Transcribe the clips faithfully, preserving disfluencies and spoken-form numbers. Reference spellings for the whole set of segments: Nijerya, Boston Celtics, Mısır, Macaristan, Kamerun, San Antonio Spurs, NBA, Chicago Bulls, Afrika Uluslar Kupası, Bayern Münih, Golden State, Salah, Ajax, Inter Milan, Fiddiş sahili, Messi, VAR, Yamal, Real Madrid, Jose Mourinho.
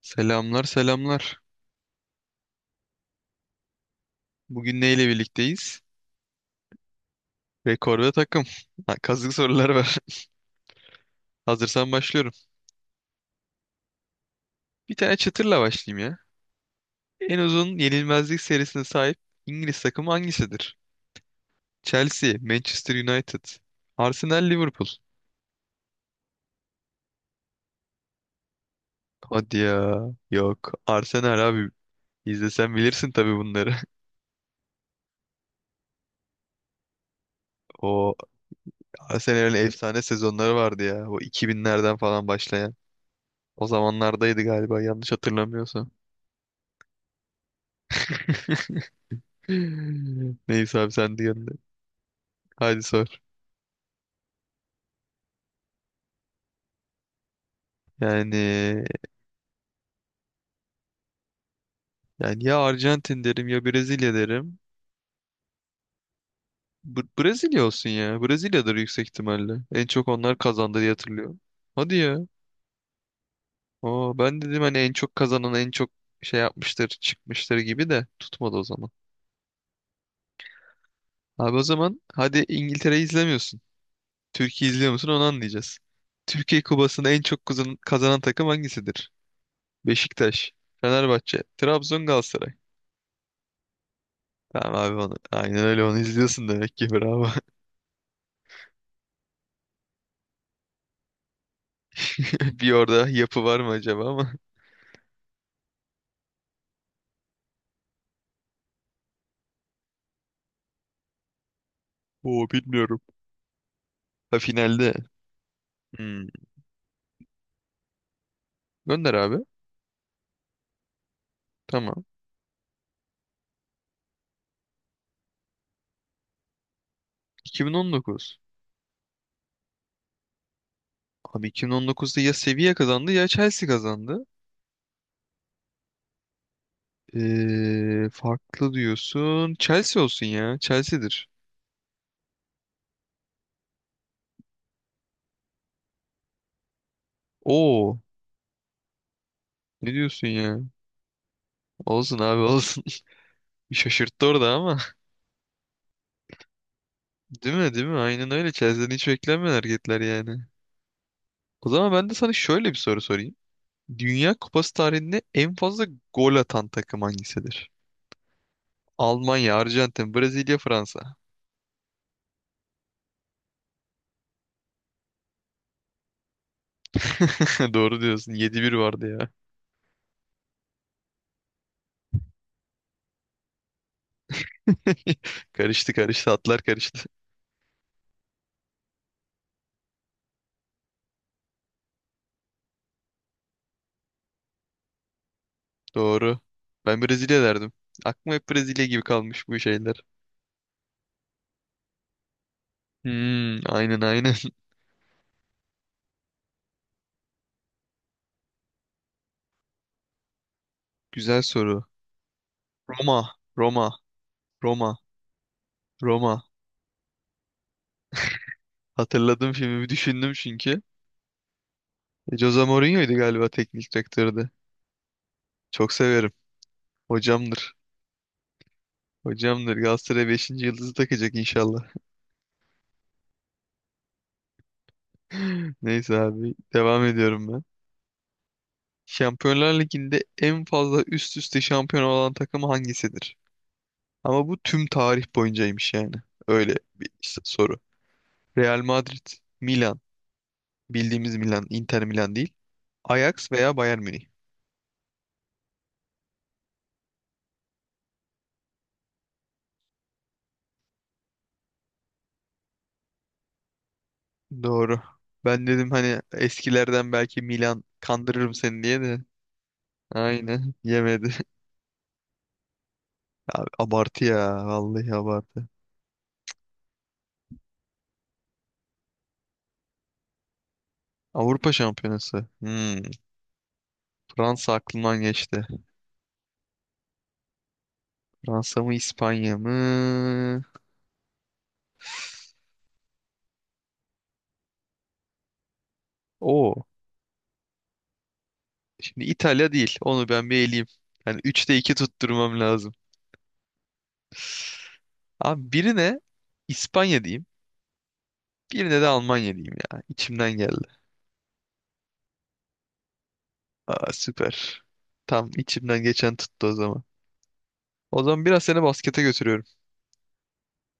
Selamlar selamlar. Bugün neyle birlikteyiz? Rekor ve takım. Ha, Kazık sorular var. Hazırsan başlıyorum. Bir tane çıtırla başlayayım ya. En uzun yenilmezlik serisine sahip İngiliz takımı hangisidir? Chelsea, Manchester United, Arsenal, Liverpool. Hadi ya. Yok. Arsenal abi. İzlesen bilirsin tabii bunları. O Arsenal'in efsane sezonları vardı ya. O iki binlerden falan başlayan. O zamanlardaydı galiba, yanlış hatırlamıyorsam. Neyse abi sen de. Hadi sor. Yani yani ya Arjantin derim ya Brezilya derim. Br- Brezilya olsun ya. Brezilya'dır yüksek ihtimalle. En çok onlar kazandı diye hatırlıyorum. Hadi ya. Oo, ben dedim hani en çok kazanan en çok şey yapmıştır, çıkmıştır gibi, de tutmadı o zaman. Abi, o zaman hadi, İngiltere'yi izlemiyorsun. Türkiye izliyor musun onu anlayacağız. Türkiye Kupası'nda en çok kazan- kazanan takım hangisidir? Beşiktaş, Fenerbahçe, Trabzon, Galatasaray. Tamam abi, onu. Aynen öyle, onu izliyorsun demek ki, bravo. Bir orada yapı var mı acaba ama. Oo, bilmiyorum. Ha, finalde. Hmm. Gönder abi. Tamam. iki bin on dokuz. Abi, iki bin on dokuzda ya Sevilla kazandı ya Chelsea kazandı. Ee, farklı diyorsun. Chelsea olsun ya. Chelsea'dir. Oo. Ne diyorsun ya? Olsun abi, olsun. Bir şaşırttı orada ama. Değil mi, değil mi? Aynen öyle. Chelsea'den hiç beklenmeyen hareketler yani. O zaman ben de sana şöyle bir soru sorayım. Dünya Kupası tarihinde en fazla gol atan takım hangisidir? Almanya, Arjantin, Brezilya, Fransa. Doğru diyorsun. Yedi bir vardı ya. Karıştı karıştı. Atlar karıştı. Doğru. Ben Brezilya derdim. Aklıma hep Brezilya gibi kalmış bu şeyler. Hmm, aynen aynen. Güzel soru. Roma, Roma, Roma, Roma. Hatırladım, filmi düşündüm çünkü. E, Jose Mourinho'ydu galiba, teknik direktördü. Çok severim. Hocamdır. Hocamdır. Galatasaray beşinci yıldızı takacak inşallah. Neyse abi. Devam ediyorum ben. Şampiyonlar Ligi'nde en fazla üst üste şampiyon olan takım hangisidir? Ama bu tüm tarih boyuncaymış yani. Öyle bir s- soru. Real Madrid, Milan, bildiğimiz Milan, Inter Milan değil. Ajax veya Bayern Münih. Doğru. Ben dedim hani, eskilerden belki Milan kandırırım seni diye de. Aynen. Yemedi. Abi, abartı ya. Vallahi abartı. Avrupa Şampiyonası. Hmm, Fransa aklımdan geçti. Fransa mı, İspanya mı? O, şimdi İtalya değil. Onu ben bir eleyeyim. Yani üçte iki tutturmam lazım. Abi, birine İspanya diyeyim. Birine de Almanya diyeyim ya. İçimden geldi. Aa, süper. Tam içimden geçen tuttu o zaman. O zaman biraz seni baskete götürüyorum.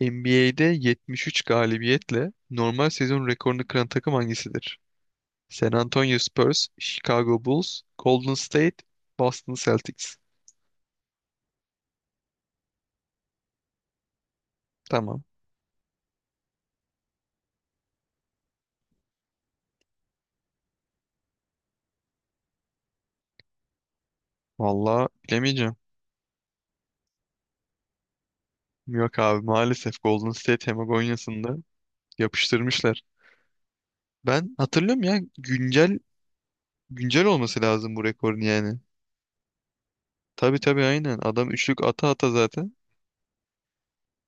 N B A'de yetmiş üç galibiyetle normal sezon rekorunu kıran takım hangisidir? San Antonio Spurs, Chicago Bulls, Golden State, Boston Celtics. Tamam. Vallahi bilemeyeceğim. Yok abi, maalesef Golden State. Hem yapıştırmışlar. Ben hatırlıyorum ya, güncel güncel olması lazım bu rekorun yani. Tabii tabii, aynen. Adam üçlük ata ata zaten.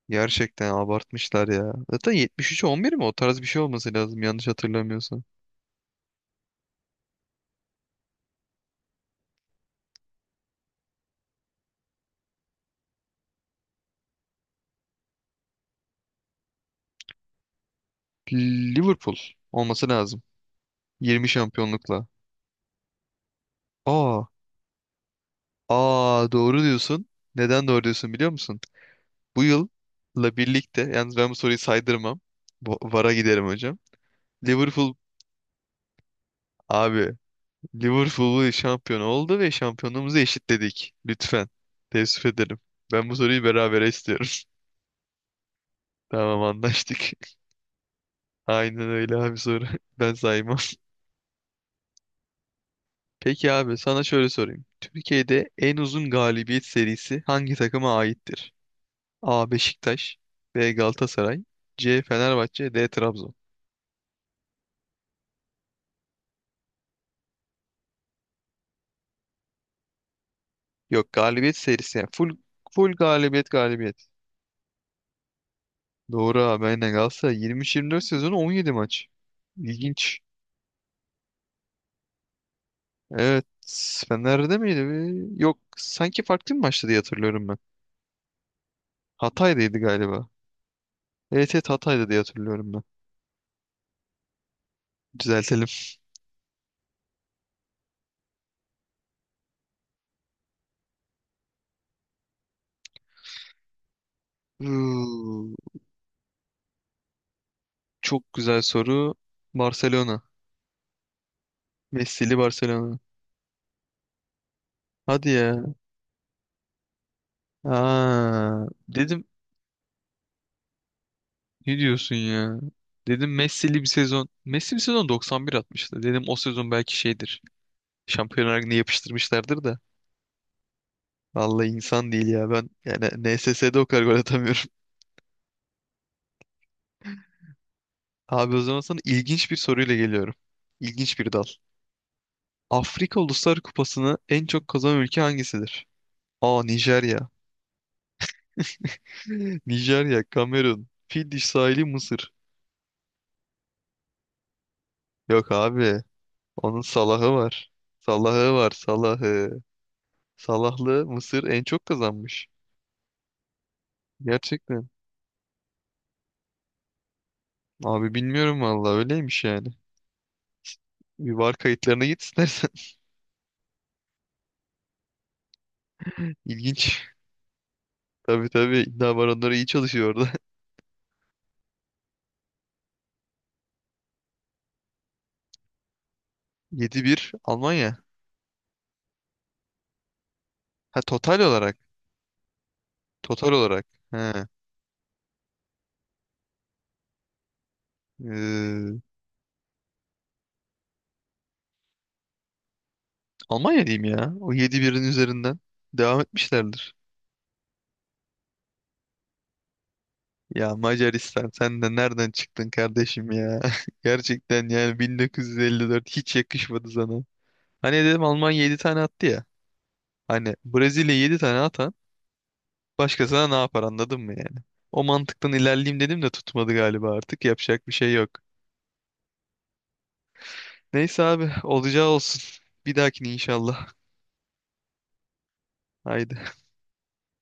Gerçekten abartmışlar ya. Zaten yetmiş üçe on bir mi? O tarz bir şey olması lazım, yanlış hatırlamıyorsam. Liverpool olması lazım. yirmi şampiyonlukla. Aa, aa, doğru diyorsun. Neden doğru diyorsun biliyor musun? Bu yılla birlikte, yalnız ben bu soruyu saydırmam. Bu- VAR'a giderim hocam. Liverpool abi, Liverpool şampiyon oldu ve şampiyonluğumuzu eşitledik. Lütfen. Teessüf ederim. Ben bu soruyu berabere istiyorum. Tamam, anlaştık. Aynen öyle abi, soru. Ben saymam. Peki abi, sana şöyle sorayım. Türkiye'de en uzun galibiyet serisi hangi takıma aittir? A. Beşiktaş, B. Galatasaray, C. Fenerbahçe, D. Trabzon. Yok, galibiyet serisi yani, full, full galibiyet galibiyet. Doğru abi, aynen Galatasaray yirmi üç yirmi dört sezonu on yedi maç. İlginç. Evet. Fener'de miydi? Bir- Yok. Sanki farklı bir maçtı diye hatırlıyorum ben. Hatay'daydı galiba. Evet evet, Hatay'da diye hatırlıyorum ben. Düzeltelim. Huu. Çok güzel soru. Barcelona. Messi'li Barcelona. Hadi ya. Aa, dedim ne diyorsun ya? Dedim Messi'li bir sezon. Messi bir sezon doksan bir atmıştı. Dedim o sezon belki şeydir. Şampiyonlar Ligi'ne yapıştırmışlardır da. Vallahi insan değil ya. Ben yani N S S'de o kadar gol atamıyorum. Abi, o zaman sana ilginç bir soruyla geliyorum. İlginç bir dal. Afrika Uluslar Kupası'nı en çok kazanan ülke hangisidir? A. Nijerya. Nijerya, Kamerun, Fiddiş sahili, Mısır. Yok abi. Onun Salah'ı var. Salah'ı var, Salah'ı. Salahlı Mısır en çok kazanmış. Gerçekten. Abi bilmiyorum vallahi, öyleymiş yani. Bir var kayıtlarına git istersen. İlginç. Tabii tabii, iddia baronları iyi çalışıyor orada. Yedi bir. Almanya. Ha, total olarak. Total olarak. He. Ee, Almanya diyeyim ya. O yedi birin üzerinden devam etmişlerdir. Ya Macaristan, sen de nereden çıktın kardeşim ya? Gerçekten yani, bin dokuz yüz elli dört hiç yakışmadı sana. Hani dedim, Almanya yedi tane attı ya. Hani Brezilya yedi tane atan başkasına ne yapar, anladın mı yani? O mantıktan ilerleyeyim dedim de tutmadı galiba, artık yapacak bir şey yok. Neyse abi, olacağı olsun. Bir dahakine inşallah. Haydi.